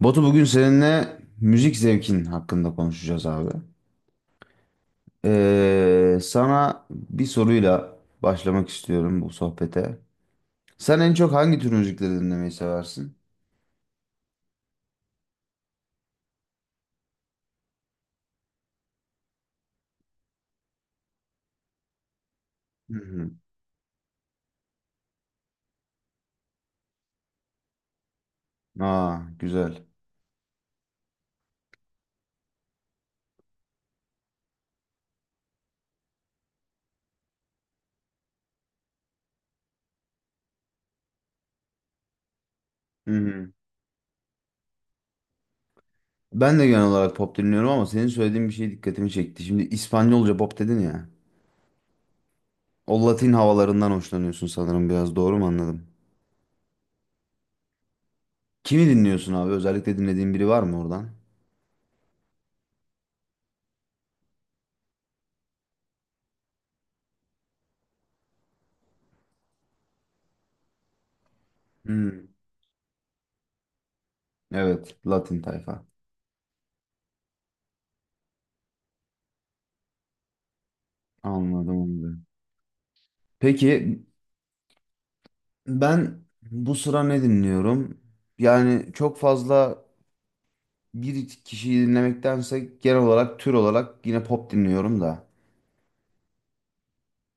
Batu, bugün seninle müzik zevkin hakkında konuşacağız abi. Sana bir soruyla başlamak istiyorum bu sohbete. Sen en çok hangi tür müzikleri dinlemeyi seversin? Hı hı. Aa, güzel. Hı hı. Ben de genel olarak pop dinliyorum ama senin söylediğin bir şey dikkatimi çekti. Şimdi İspanyolca pop dedin ya. O Latin havalarından hoşlanıyorsun sanırım, biraz doğru mu anladım? Kimi dinliyorsun abi? Özellikle dinlediğin biri var mı oradan? Hı. Evet, Latin tayfa. Anladım, anladım. Peki, ben bu sıra ne dinliyorum? Yani çok fazla bir kişiyi dinlemektense genel olarak, tür olarak yine pop dinliyorum da.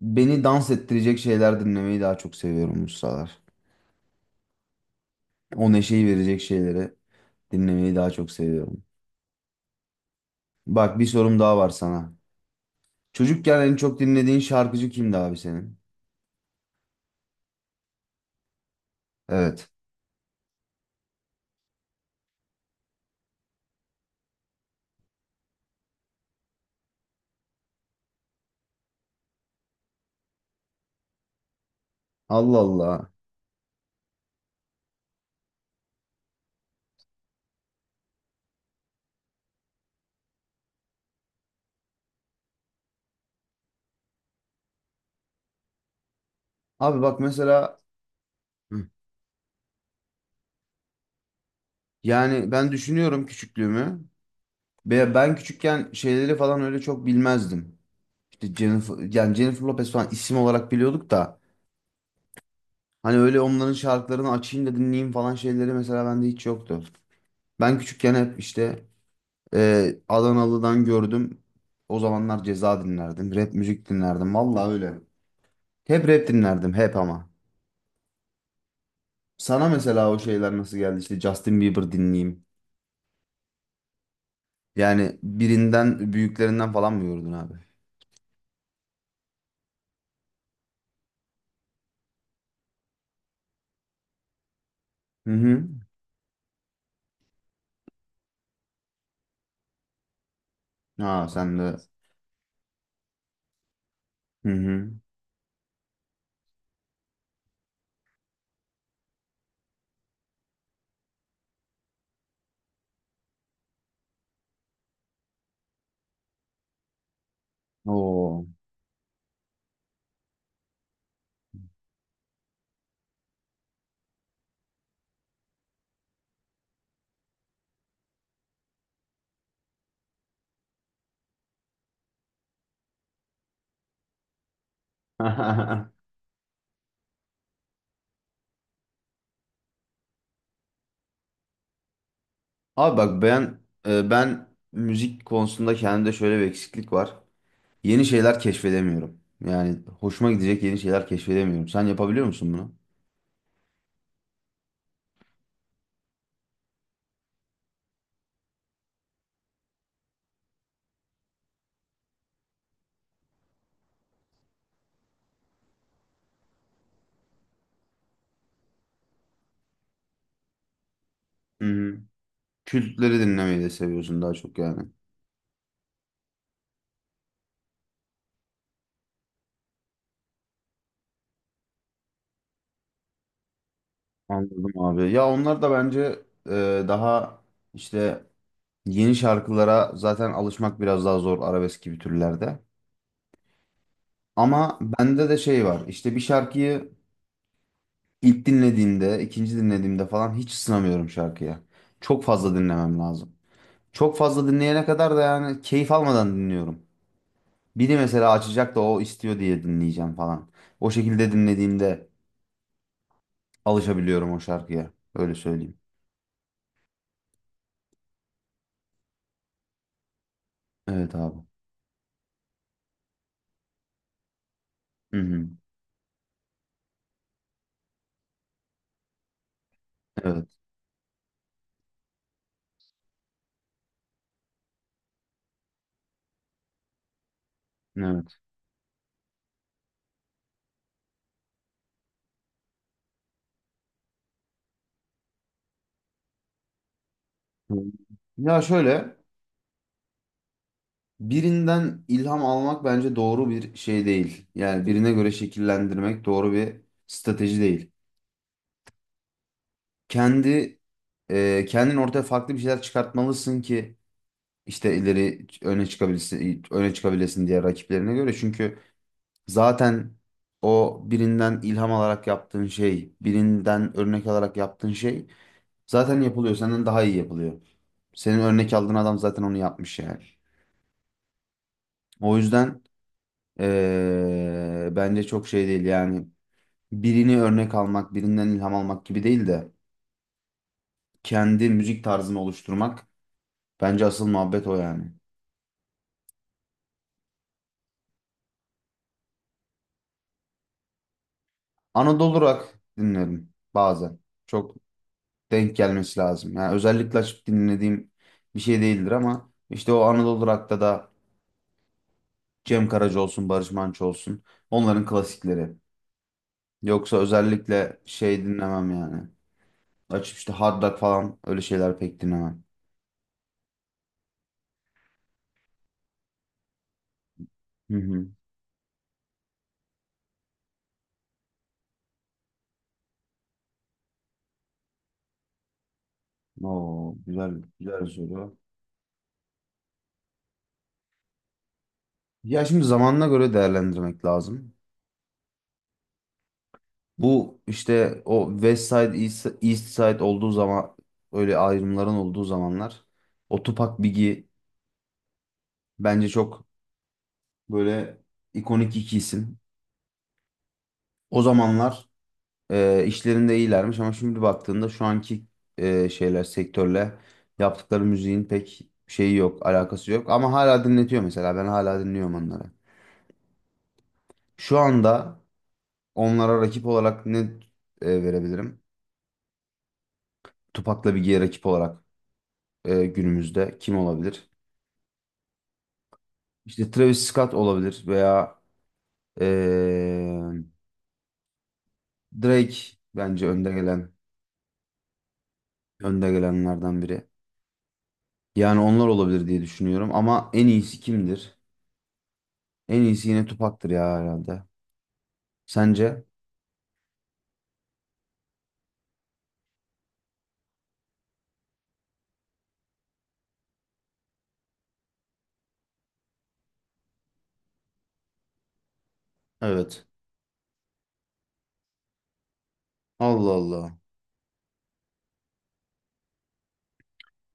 Beni dans ettirecek şeyler dinlemeyi daha çok seviyorum bu sıralar. O neşeyi verecek şeyleri dinlemeyi daha çok seviyorum. Bak, bir sorum daha var sana. Çocukken en çok dinlediğin şarkıcı kimdi abi senin? Evet. Allah Allah. Abi bak mesela. Hı. Yani ben düşünüyorum küçüklüğümü. Ve ben küçükken şeyleri falan öyle çok bilmezdim. Jennifer, yani Jennifer Lopez falan isim olarak biliyorduk da hani öyle onların şarkılarını açayım da dinleyeyim falan şeyleri mesela bende hiç yoktu. Ben küçükken hep işte Adanalı'dan gördüm. O zamanlar Ceza dinlerdim. Rap müzik dinlerdim. Vallahi öyle. Hep rap dinlerdim hep ama. Sana mesela o şeyler nasıl geldi? İşte Justin Bieber dinleyeyim. Yani birinden, büyüklerinden falan mı gördün abi? Hı hı. Ha, sen de. Hı hı. Oo. Abi bak, ben ben müzik konusunda kendimde şöyle bir eksiklik var. Yeni şeyler keşfedemiyorum. Yani hoşuma gidecek yeni şeyler keşfedemiyorum. Sen yapabiliyor musun bunu? Hı-hı. Kültleri dinlemeyi de seviyorsun daha çok yani. Anladım abi. Ya onlar da bence daha işte yeni şarkılara zaten alışmak biraz daha zor arabesk gibi türlerde. Ama bende de şey var. İşte bir şarkıyı ilk dinlediğimde, ikinci dinlediğimde falan hiç ısınamıyorum şarkıya. Çok fazla dinlemem lazım. Çok fazla dinleyene kadar da yani keyif almadan dinliyorum. Biri mesela açacak da o istiyor diye dinleyeceğim falan. O şekilde dinlediğimde alışabiliyorum o şarkıya. Öyle söyleyeyim. Evet abi. Hı hı. Evet. Evet. Hı. Ya şöyle, birinden ilham almak bence doğru bir şey değil. Yani birine göre şekillendirmek doğru bir strateji değil. Kendi kendin ortaya farklı bir şeyler çıkartmalısın ki işte ileri öne çıkabilsin, öne çıkabilesin diğer rakiplerine göre. Çünkü zaten o birinden ilham alarak yaptığın şey, birinden örnek alarak yaptığın şey zaten yapılıyor. Senden daha iyi yapılıyor. Senin örnek aldığın adam zaten onu yapmış yani. O yüzden bence çok şey değil yani. Birini örnek almak, birinden ilham almak gibi değil de kendi müzik tarzını oluşturmak bence asıl muhabbet o yani. Anadolu rock dinlerim bazen. Çok denk gelmesi lazım. Yani özellikle açıp dinlediğim bir şey değildir ama işte o Anadolu Rock'ta da Cem Karaca olsun, Barış Manço olsun, onların klasikleri. Yoksa özellikle şey dinlemem yani. Açıp işte Hard Rock falan öyle şeyler pek dinlemem. Hı hı. Oo, güzel, güzel soru. Ya şimdi zamanına göre değerlendirmek lazım. Bu işte o West Side, East, East Side olduğu zaman, öyle ayrımların olduğu zamanlar, o Tupac, Biggie bence çok böyle ikonik iki isim. O zamanlar işlerinde iyilermiş ama şimdi baktığında şu anki şeyler, sektörle yaptıkları müziğin pek şeyi yok, alakası yok. Ama hala dinletiyor mesela. Ben hala dinliyorum onları. Şu anda onlara rakip olarak ne verebilirim? Tupac'la Biggie'ye rakip olarak günümüzde kim olabilir? İşte Travis Scott olabilir veya e, Drake bence önde gelen, önde gelenlerden biri. Yani onlar olabilir diye düşünüyorum ama en iyisi kimdir? En iyisi yine Tupac'tır ya herhalde. Sence? Evet. Allah Allah.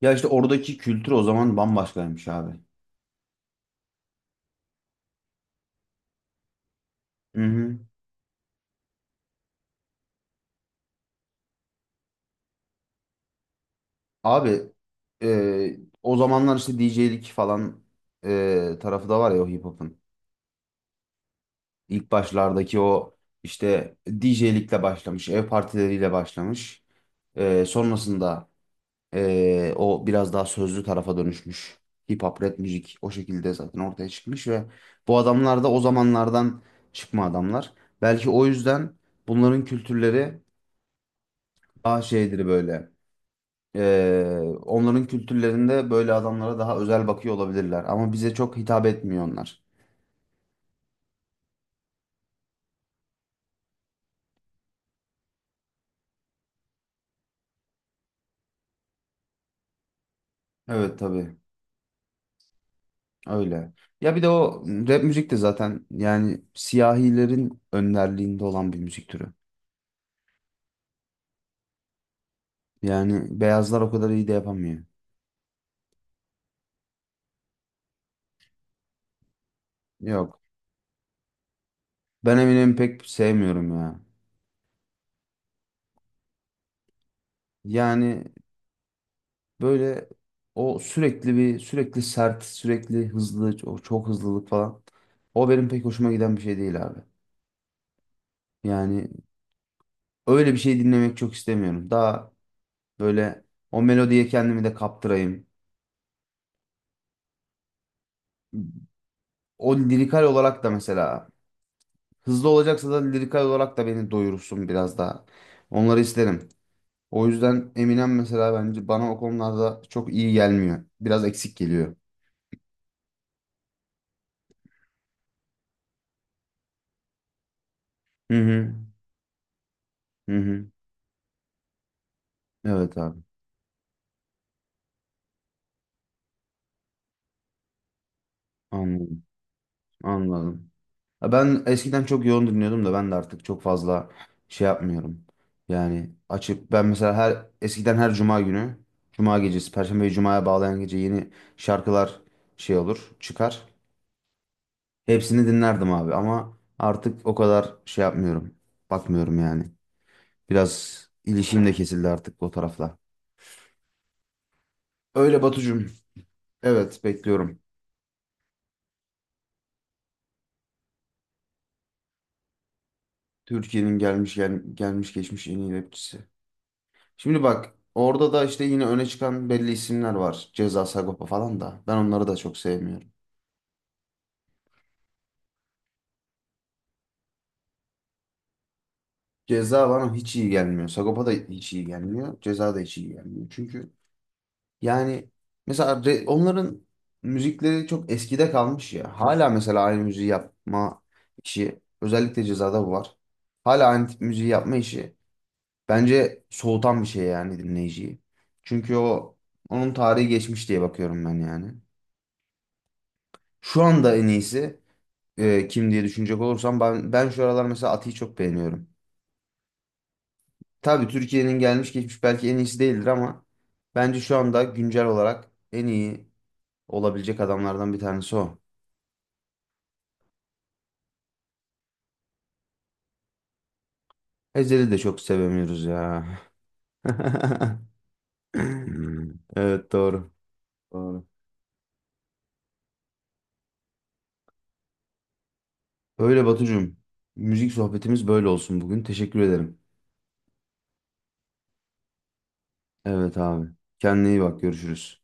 Ya işte oradaki kültür o zaman bambaşkaymış abi. Hı hı. Abi e, o zamanlar işte DJ'lik falan tarafı da var ya o hip hop'un. İlk başlardaki o işte DJ'likle başlamış, ev partileriyle başlamış. Sonrasında o biraz daha sözlü tarafa dönüşmüş. Hip hop, rap müzik o şekilde zaten ortaya çıkmış ve bu adamlar da o zamanlardan çıkma adamlar. Belki o yüzden bunların kültürleri daha şeydir böyle. Onların kültürlerinde böyle adamlara daha özel bakıyor olabilirler. Ama bize çok hitap etmiyor onlar. Evet tabii öyle. Ya bir de o rap müzik de zaten yani siyahilerin önderliğinde olan bir müzik türü. Yani beyazlar o kadar iyi de yapamıyor. Yok. Ben Eminem'i pek sevmiyorum ya. Yani böyle o sürekli sert, sürekli hızlı, o çok hızlılık falan. O benim pek hoşuma giden bir şey değil abi. Yani öyle bir şey dinlemek çok istemiyorum. Daha böyle o melodiye kendimi de kaptırayım. O lirikal olarak da mesela hızlı olacaksa da lirikal olarak da beni doyursun biraz daha. Onları isterim. O yüzden Eminem mesela bence bana o konularda çok iyi gelmiyor. Biraz eksik geliyor. Hı hı. Hı hı. Evet abi. Anladım. Anladım. Ya ben eskiden çok yoğun dinliyordum da ben de artık çok fazla şey yapmıyorum. Yani açıp ben mesela her eskiden her cuma günü, cuma gecesi, Perşembeyi cumaya bağlayan gece yeni şarkılar şey olur, çıkar. Hepsini dinlerdim abi ama artık o kadar şey yapmıyorum. Bakmıyorum yani. Biraz ilişkim de kesildi artık o tarafla. Öyle Batucuğum. Evet bekliyorum. Türkiye'nin gelmiş geçmiş en iyi rapçisi. Şimdi bak, orada da işte yine öne çıkan belli isimler var. Ceza, Sagopa falan da. Ben onları da çok sevmiyorum. Ceza bana hiç iyi gelmiyor. Sagopa da hiç iyi gelmiyor. Ceza da hiç iyi gelmiyor. Çünkü yani mesela onların müzikleri çok eskide kalmış ya. Hala mesela aynı müziği yapma işi, özellikle Ceza'da bu var. Hala aynı tip müziği yapma işi bence soğutan bir şey yani dinleyiciyi. Çünkü o, onun tarihi geçmiş diye bakıyorum ben yani. Şu anda en iyisi kim diye düşünecek olursam ben şu aralar mesela Ati'yi çok beğeniyorum. Tabii Türkiye'nin gelmiş geçmiş belki en iyisi değildir ama bence şu anda güncel olarak en iyi olabilecek adamlardan bir tanesi o. Ezel'i de çok sevemiyoruz ya. Evet doğru. Doğru. Öyle Batucuğum. Müzik sohbetimiz böyle olsun bugün. Teşekkür ederim. Evet abi. Kendine iyi bak. Görüşürüz.